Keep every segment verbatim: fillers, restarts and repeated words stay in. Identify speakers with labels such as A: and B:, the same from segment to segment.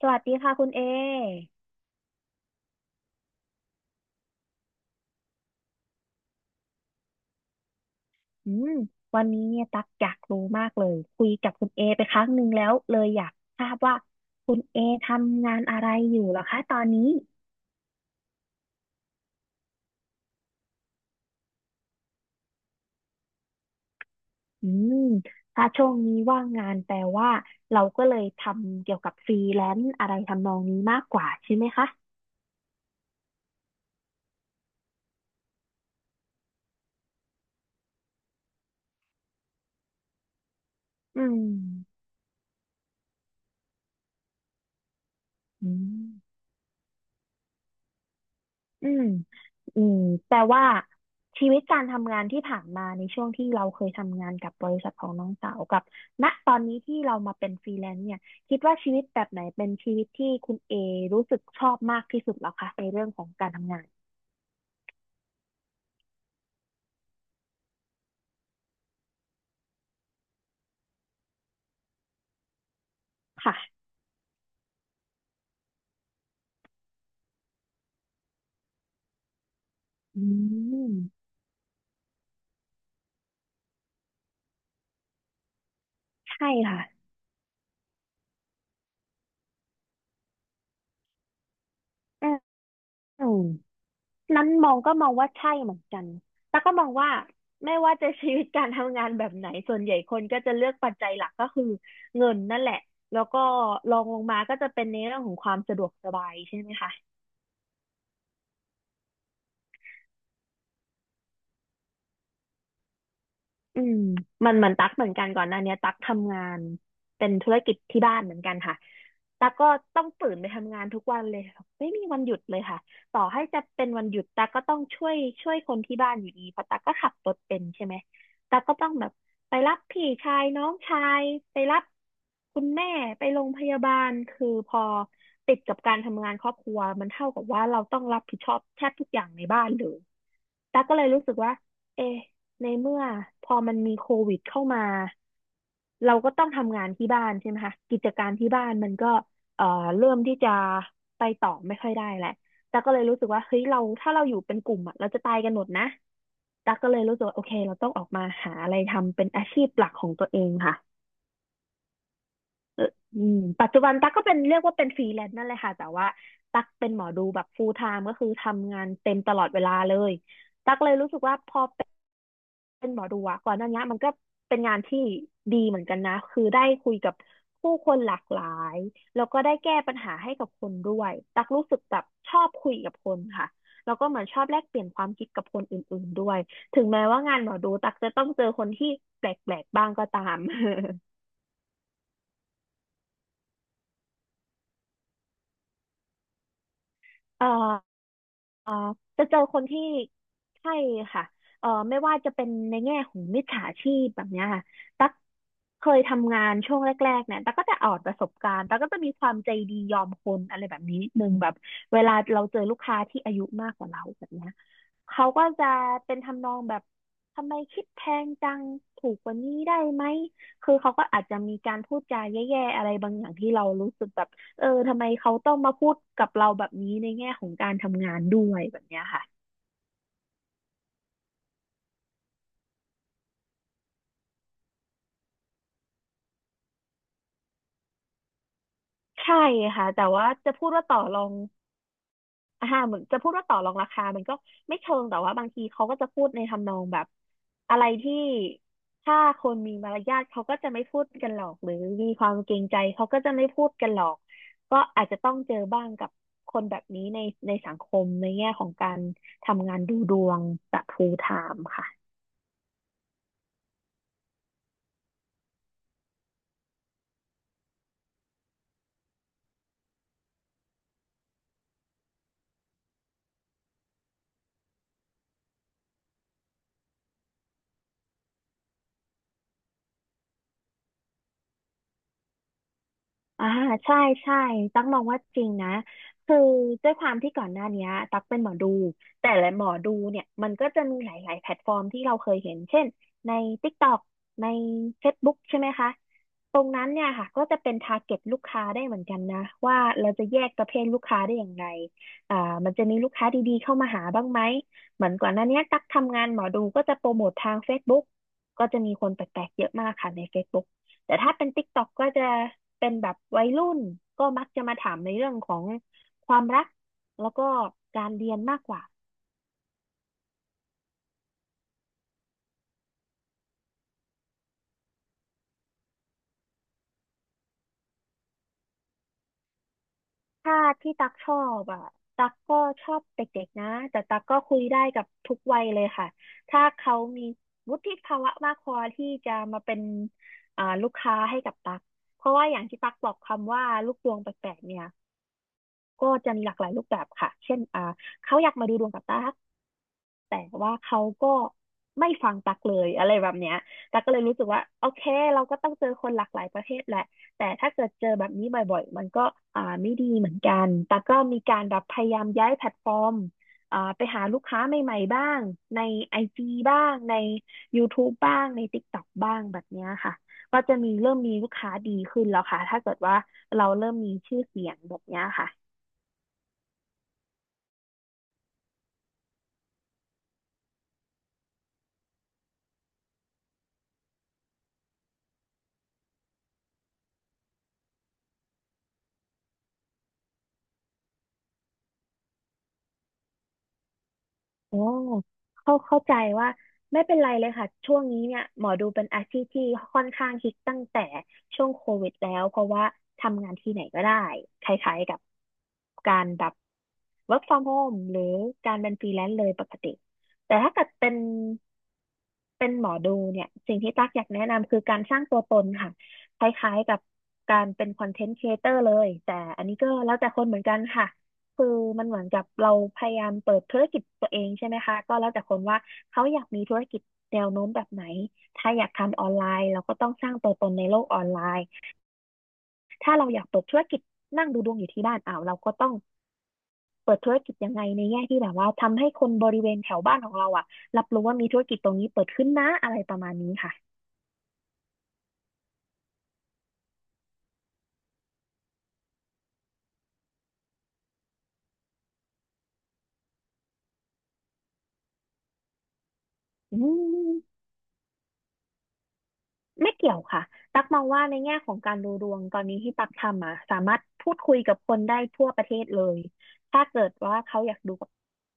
A: สวัสดีค่ะคุณเออืมวันนี้เนี่ยตักอยากรู้มากเลยคุยกับคุณเอไปครั้งหนึ่งแล้วเลยอยากทราบว่าคุณเอทำงานอะไรอยู่เหรอคะตอนนี้อืมถ้าช่วงนี้ว่างงานแปลว่าเราก็เลยทำเกี่ยวกับฟรีแลนซ์อะไรทำนองนี้มากกว่าใช่ไหมคะอืมอืม อืมอืม แต่ว่าชีวิตการทำงานที่ผ่านมาในช่วงที่เราเคยทำงานกับบริษัทของน้องสาวกับณตอนนี้ที่เรามาเป็นฟรีแลนซ์เนี่ยคิดว่าชีวิตแบบไหนเป็นชีวิตที่คุณเอรู้สึกชอบมากที่สุดแล้วคะในเรื่องของการทำงานค่ะอืมใช่ค่ะอืม นั้นมองก็มองว่าใช่เหมือนกันแต่ก็มองว่าไม่ว่าจะชีวิตการทำงานแบบไหนส่วนใหญ่คนก็จะเลือกปัจจัยหลักก็คือเงินนั่นแหละแล้วก็รองลงมาก็จะเป็นในเรื่องของความสะดวกสบายใช่ไหมคะอืมมันเหมือนตั๊กเหมือนกันก่อนหน้าเนี้ยตั๊กทำงานเป็นธุรกิจที่บ้านเหมือนกันค่ะ ตาก็ต้องตื่นไปทำงานทุกวันเลยค่ะไม่มีวันหยุดเลยค่ะต่อให้จะเป็นวันหยุดตาก็ต้องช่วยช่วยคนที่บ้านอยู่ดีเพราะตาก็ขับรถเป็นใช่ไหมตาก็ต้องแบบไปรับพี่ชายน้องชายไปรับคุณแม่ไปโรงพยาบาลคือพอติดกับการทำงานครอบครัวมันเท่ากับว่าเราต้องรับผิดชอบแทบทุกอย่างในบ้านเลยตาก็เลยรู้สึกว่าเอะในเมื่อพอมันมีโควิดเข้ามาเราก็ต้องทำงานที่บ้านใช่ไหมคะกิจการที่บ้านมันก็ เอ่อเริ่มที่จะไปต่อไม่ค่อยได้แหละแต่ก็เลยรู้สึกว่าเฮ้ยเราถ้าเราอยู่เป็นกลุ่มอะเราจะตายกันหมดนะเราต้องออกมาหาอะไรทำเป็นอาชีพหลักของตัวเองค่ะอืมปัจจุบันตั๊กก็เป็นเรียกว่าเป็นฟรีแลนซ์นั่นแหละค่ะแต่ว่าตั๊กเป็นหมอดูแบบ full time ก็คือทำงานเต็มตลอดเวลาเลย เป็นหมอดูอะก่อนหน้านี้มันก็เป็นงานที่ดีเหมือนกันนะคือได้คุยกับผู้คนหลากหลายแล้วก็ได้แก้ปัญหาให้กับคนด้วยตักรู้สึกแบบชอบคุยกับคนค่ะแล้วก็เหมือนชอบแลกเปลี่ยนความคิดกับคนอื่นๆด้วยถึงแม้ว่างานหมอดูตักจะต้องเจอคนที่แปลกๆบ้างก็ตาม เอ่อเอ่อจะเจอคนที่ใช่ค่ะเอ่อไม่ว่าจะเป็นในแง่ของมิจฉาชีพแบบเนี้ยค่ะตั๊กเคยทำงานช่วงแรกๆเนี่ยตั๊กก็จะออดประสบการณ์ตั๊กก็จะมีความใจดียอมคนอะไรแบบนี้นิดนึงแบบเวลาเราเจอลูกค้าที่อายุมากกว่าเราแบบเนี้ยเขาก็จะเป็นทำนองแบบทำไมคิดแพงจังถูกกว่านี้ได้ไหมคือเขาก็อาจจะมีการพูดจาแย่ๆอะไรบางอย่างที่เรารู้สึกแบบ เออทำไมเขาต้องมาพูดกับเราแบบนี้ในแง่ของการทำงานด้วยแบบเนี้ยค่ะใช่ค่ะแต่ว่าจะพูดว่าต่อรองอ่าเหมือนจะพูดว่าต่อรองราคามันก็ไม่เชิงแต่ว่าบางทีเขาก็จะพูดในทำนองแบบอะไรที่ถ้าคนมีมารยาทเขาก็จะไม่พูดกันหรอกหรือมีความเกรงใจเขาก็จะไม่พูดกันหรอกก็อาจจะต้องเจอบ้างกับคนแบบนี้ในในสังคมในแง่ของการทำงานดูดวงแบบ full time ค่ะ อ่าใช่ใช่ตั๊กมองว่าจริงนะคือด้วยความที่ก่อนหน้าเนี้ยตั๊กเป็นหมอดูแต่ละหมอดูเนี่ยมันก็จะมีหลายๆแพลตฟอร์มที่เราเคยเห็นเช่นใน t ิกตอกในเฟซบุ๊กใช่ไหมคะ ตรงนั้นเนี่ยค่ะก็จะเป็น ทาร์เก็ต ลูกค้าได้เหมือนกันนะว่าเราจะแยกประเภทลูกค้าได้อย่างไรอ่ามันจะมีลูกค้าดีๆเข้ามาหาบ้างไหมเหมือนก่อนหน้าเนี้ยตักทำงานหมอดูก็จะโปรโมททาง Facebook ก็จะมีคนแปลกๆเยอะมากค่ะใน Facebook แต่ถ้าเป็น ติ๊กต็อก ก็จะเป็นแบบวัยรุ่นก็มักจะมาถามในเรื่องของความรักแล้วก็การเรียนมากกว่า ถ้าที่ตักชอบอ่ะตักก็ชอบเด็กๆนะแต่ตักก็คุยได้กับทุกวัยเลยค่ะถ้าเขามีวุฒิภาวะมากพอที่จะมาเป็นอ่าลูกค้าให้กับตักเพราะว่าอย่างที่ตักบอกคำว่าลูกดวงแปลกๆเนี่ยก็จะมีหลากหลายรูปแบบค่ะเช่นอ่าเขาอยากมาดูดวงกับตัก แต่ว่าเขาก็ไม่ฟังตักเลยอะไรแบบเนี้ยตักก็เลยรู้สึกว่าโอเคเราก็ต้องเจอคนหลากหลายประเภทแหละ แต่ถ้าเกิดเจอแบบนี้บ่อยๆ มันก็อ่าไม่ดีเหมือนกันตักก็มีการแบบพยายามย้ายแพลตฟอร์มอ่าไปหาลูกค้าใหม่ๆบ้างในไอจีบ้างใน ยูทูบ บบ้างใน ติ๊กต็อก บ้างแบบเนี้ยค่ะ ก็จะมีเริ่มมีลูกค้าดีขึ้นแล้วค่ะ ถ้าเกิดว่าเราเริ่มมีชื่อเสียงแบบเนี้ยค่ะ โอ้เข้าเข้าใจว่าไม่เป็นไรเลยค่ะช่วงนี้เนี่ยหมอดูเป็นอาชีพที่ค่อนข้างฮิตตั้งแต่ช่วงโควิดแล้วเพราะว่าทำงานที่ไหนก็ได้คล้ายๆกับการแบบ เวิร์คฟรอมโฮม หรือการเป็นฟรีแลนซ์เลยปกติแต่ถ้าเกิดเป็น เป็นหมอดูเนี่ยสิ่งที่ตั๊กอยากแนะนำคือการสร้างตัวตนค่ะคล้ายๆกับการเป็นคอนเทนต์ครีเอเตอร์เลยแต่อันนี้ก็แล้วแต่คนเหมือนกันค่ะคือมันเหมือนกับเราพยายามเปิดธุรกิจตัวเองใช่ไหมคะก็แล้วแต่คนว่าเขาอยากมีธุรกิจแนวโน้มแบบไหนถ้าอยากทำออนไลน์เราก็ต้องสร้างตัวตนในโลกออนไลน์ถ้าเราอยากเปิดธุรกิจนั่งดูดวงอยู่ที่บ้านอ้าวเราก็ต้องเปิดธุรกิจยังไงในแง่ที่แบบว่าทำให้คนบริเวณแถวบ้านของเราอ่ะรับรู้ว่ามีธุรกิจตรงนี้เปิดขึ้นนะอะไรประมาณนี้ค่ะ อืมไม่เกี่ยวค่ะตักมองว่าในแง่ของการดูดวงตอนนี้ที่ตักทำอ่ะสามารถพูดคุยกับคนได้ทั่วประเทศเลยถ้าเกิดว่าเขาอยากดูกับ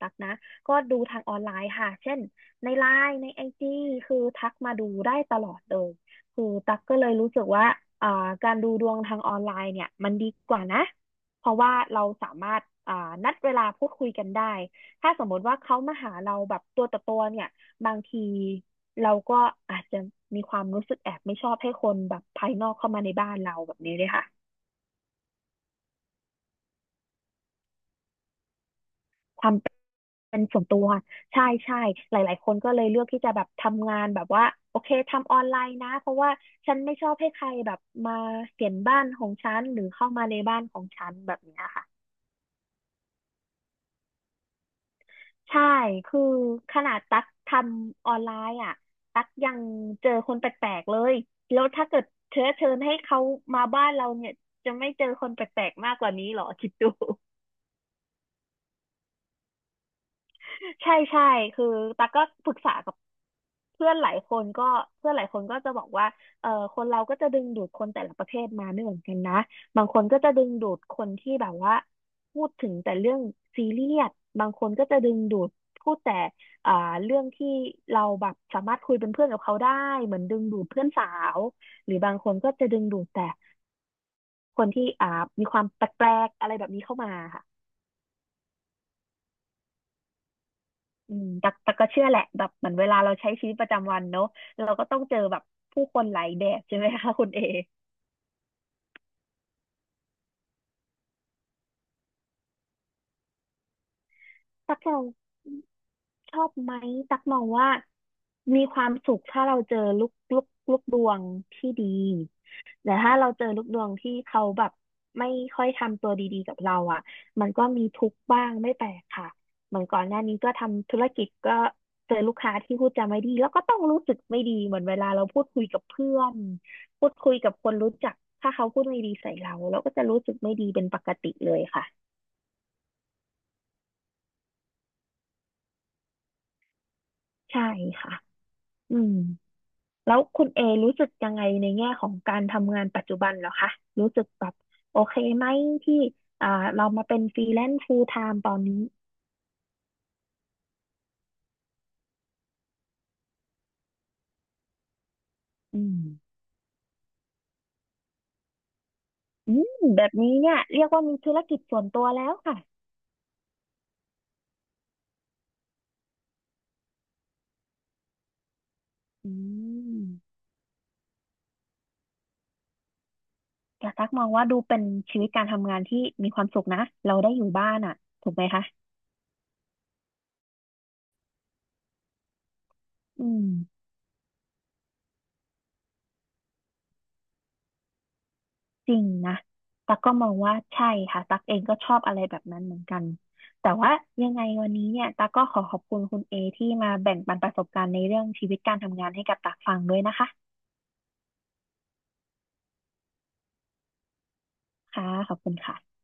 A: ตักนะก็ดูทางออนไลน์ค่ะเช่นในไลน์ในไอจีคือทักมาดูได้ตลอดเลยคือตักก็เลยรู้สึกว่าอ่าการดูดวงทางออนไลน์เนี่ยมันดีกว่านะเพราะว่าเราสามารถอ่านัดเวลาพูดคุยกันได้ ถ้าสมมติว่าเขามาหาเราแบบตัวต่อตัวเนี่ยบางทีเราก็อาจจะมีความรู้สึกแอบไม่ชอบให้คนแบบภายนอกเข้ามาในบ้านเราแบบนี้เลยค่ะความเป็นส่วนตัวใช่ใช่หลายๆคนก็เลยเลือกที่จะแบบทำงานแบบว่าโอเคทำออนไลน์นะเพราะว่าฉันไม่ชอบให้ใครแบบมาเห็นบ้านของฉันหรือเข้ามาในบ้านของฉันแบบเนี้ยค่ะ ใช่ คือขนาดตั๊กทำออนไลน์อ่ะ ตั๊กยังเจอคนแปลกๆเลย แล้วถ้าเกิดเชื้อเชิญให้เขามาบ้านเราเนี่ย จะไม่เจอคนแปลกๆมากกว่านี้เหรอคิดดู ใช่ใช่คือตั๊กก็ปรึกษากับเพื่อนหลายคนก็เพื่อนหลายคนก็จะบอกว่าเออคนเราก็จะดึงดูดคนแต่ละประเภทมาไม่เหมือนกันนะบางคนก็จะดึงดูดคนที่แบบว่าพูดถึงแต่เรื่องซีเรียสบางคนก็จะดึงดูดพูดแต่อ่าเรื่องที่เราแบบสามารถคุยเป็นเพื่อนกับเขาได้เหมือนดึงดูดเพื่อนสาวหรือบางคนก็จะดึงดูดแต่คนที่อ่ามีความแปลกๆอะไรแบบนี้เข้ามาค่ะ อืมแต่แต่ก็เชื่อแหละแบบเหมือนเวลาเราใช้ชีวิตประจำวันเนอะ เราก็ต้องเจอแบบผู้คนหลายแบบใช่ไหมคะคุณเอ ตักเราชอบไหมตักมองว่ามีความสุขถ้าเราเจอลูกลูกลูกดวงที่ดีแต่ถ้าเราเจอลูกดวงที่เขาแบบไม่ค่อยทำตัวดีๆกับเราอ่ะมันก็มีทุกข์บ้างไม่แปลกค่ะเหมือนก่อนหน้านี้ก็ทำธุรกิจก็เจอลูกค้าที่พูดจาไม่ดีแล้วก็ต้องรู้สึกไม่ดีเหมือนเวลาเราพูดคุยกับเพื่อนพูดคุยกับคนรู้จักถ้าเขาพูดไม่ดีใส่เราเราก็จะรู้สึกไม่ดีเป็นปกติเลยค่ะใช่ค่ะอืม แล้วคุณเอรู้สึกยังไงในแง่ของการทำงานปัจจุบันเหรอคะ รู้สึกแบบโอเคไหมที่อ่าเรามาเป็นฟรีแลนซ์ ฟูลไทม์ ตอนนี้อืมอืมแบบนี้เนี่ยเรียกว่ามีธุรกิจส่วนตัวแล้วค่ะ อืมแต่ตักมองว่าดูเป็นชีวิตการทำงานที่มีความสุขนะเราได้อยู่บ้านอ่ะถูกไหมคะอืม จริงนะตั๊กก็มองว่าใช่ค่ะตั๊กเองก็ชอบอะไรแบบนั้นเหมือนกัน แต่ว่ายังไงวันนี้เนี่ยตั๊กก็ขอขอบคุณคุณเอที่มาแบ่งปันประสบการณ์ในเรื่องชีวิตการทำงานให้กับตั๊กฟังด้วยนะคะ ค่ะ ขอบคุณค่ะ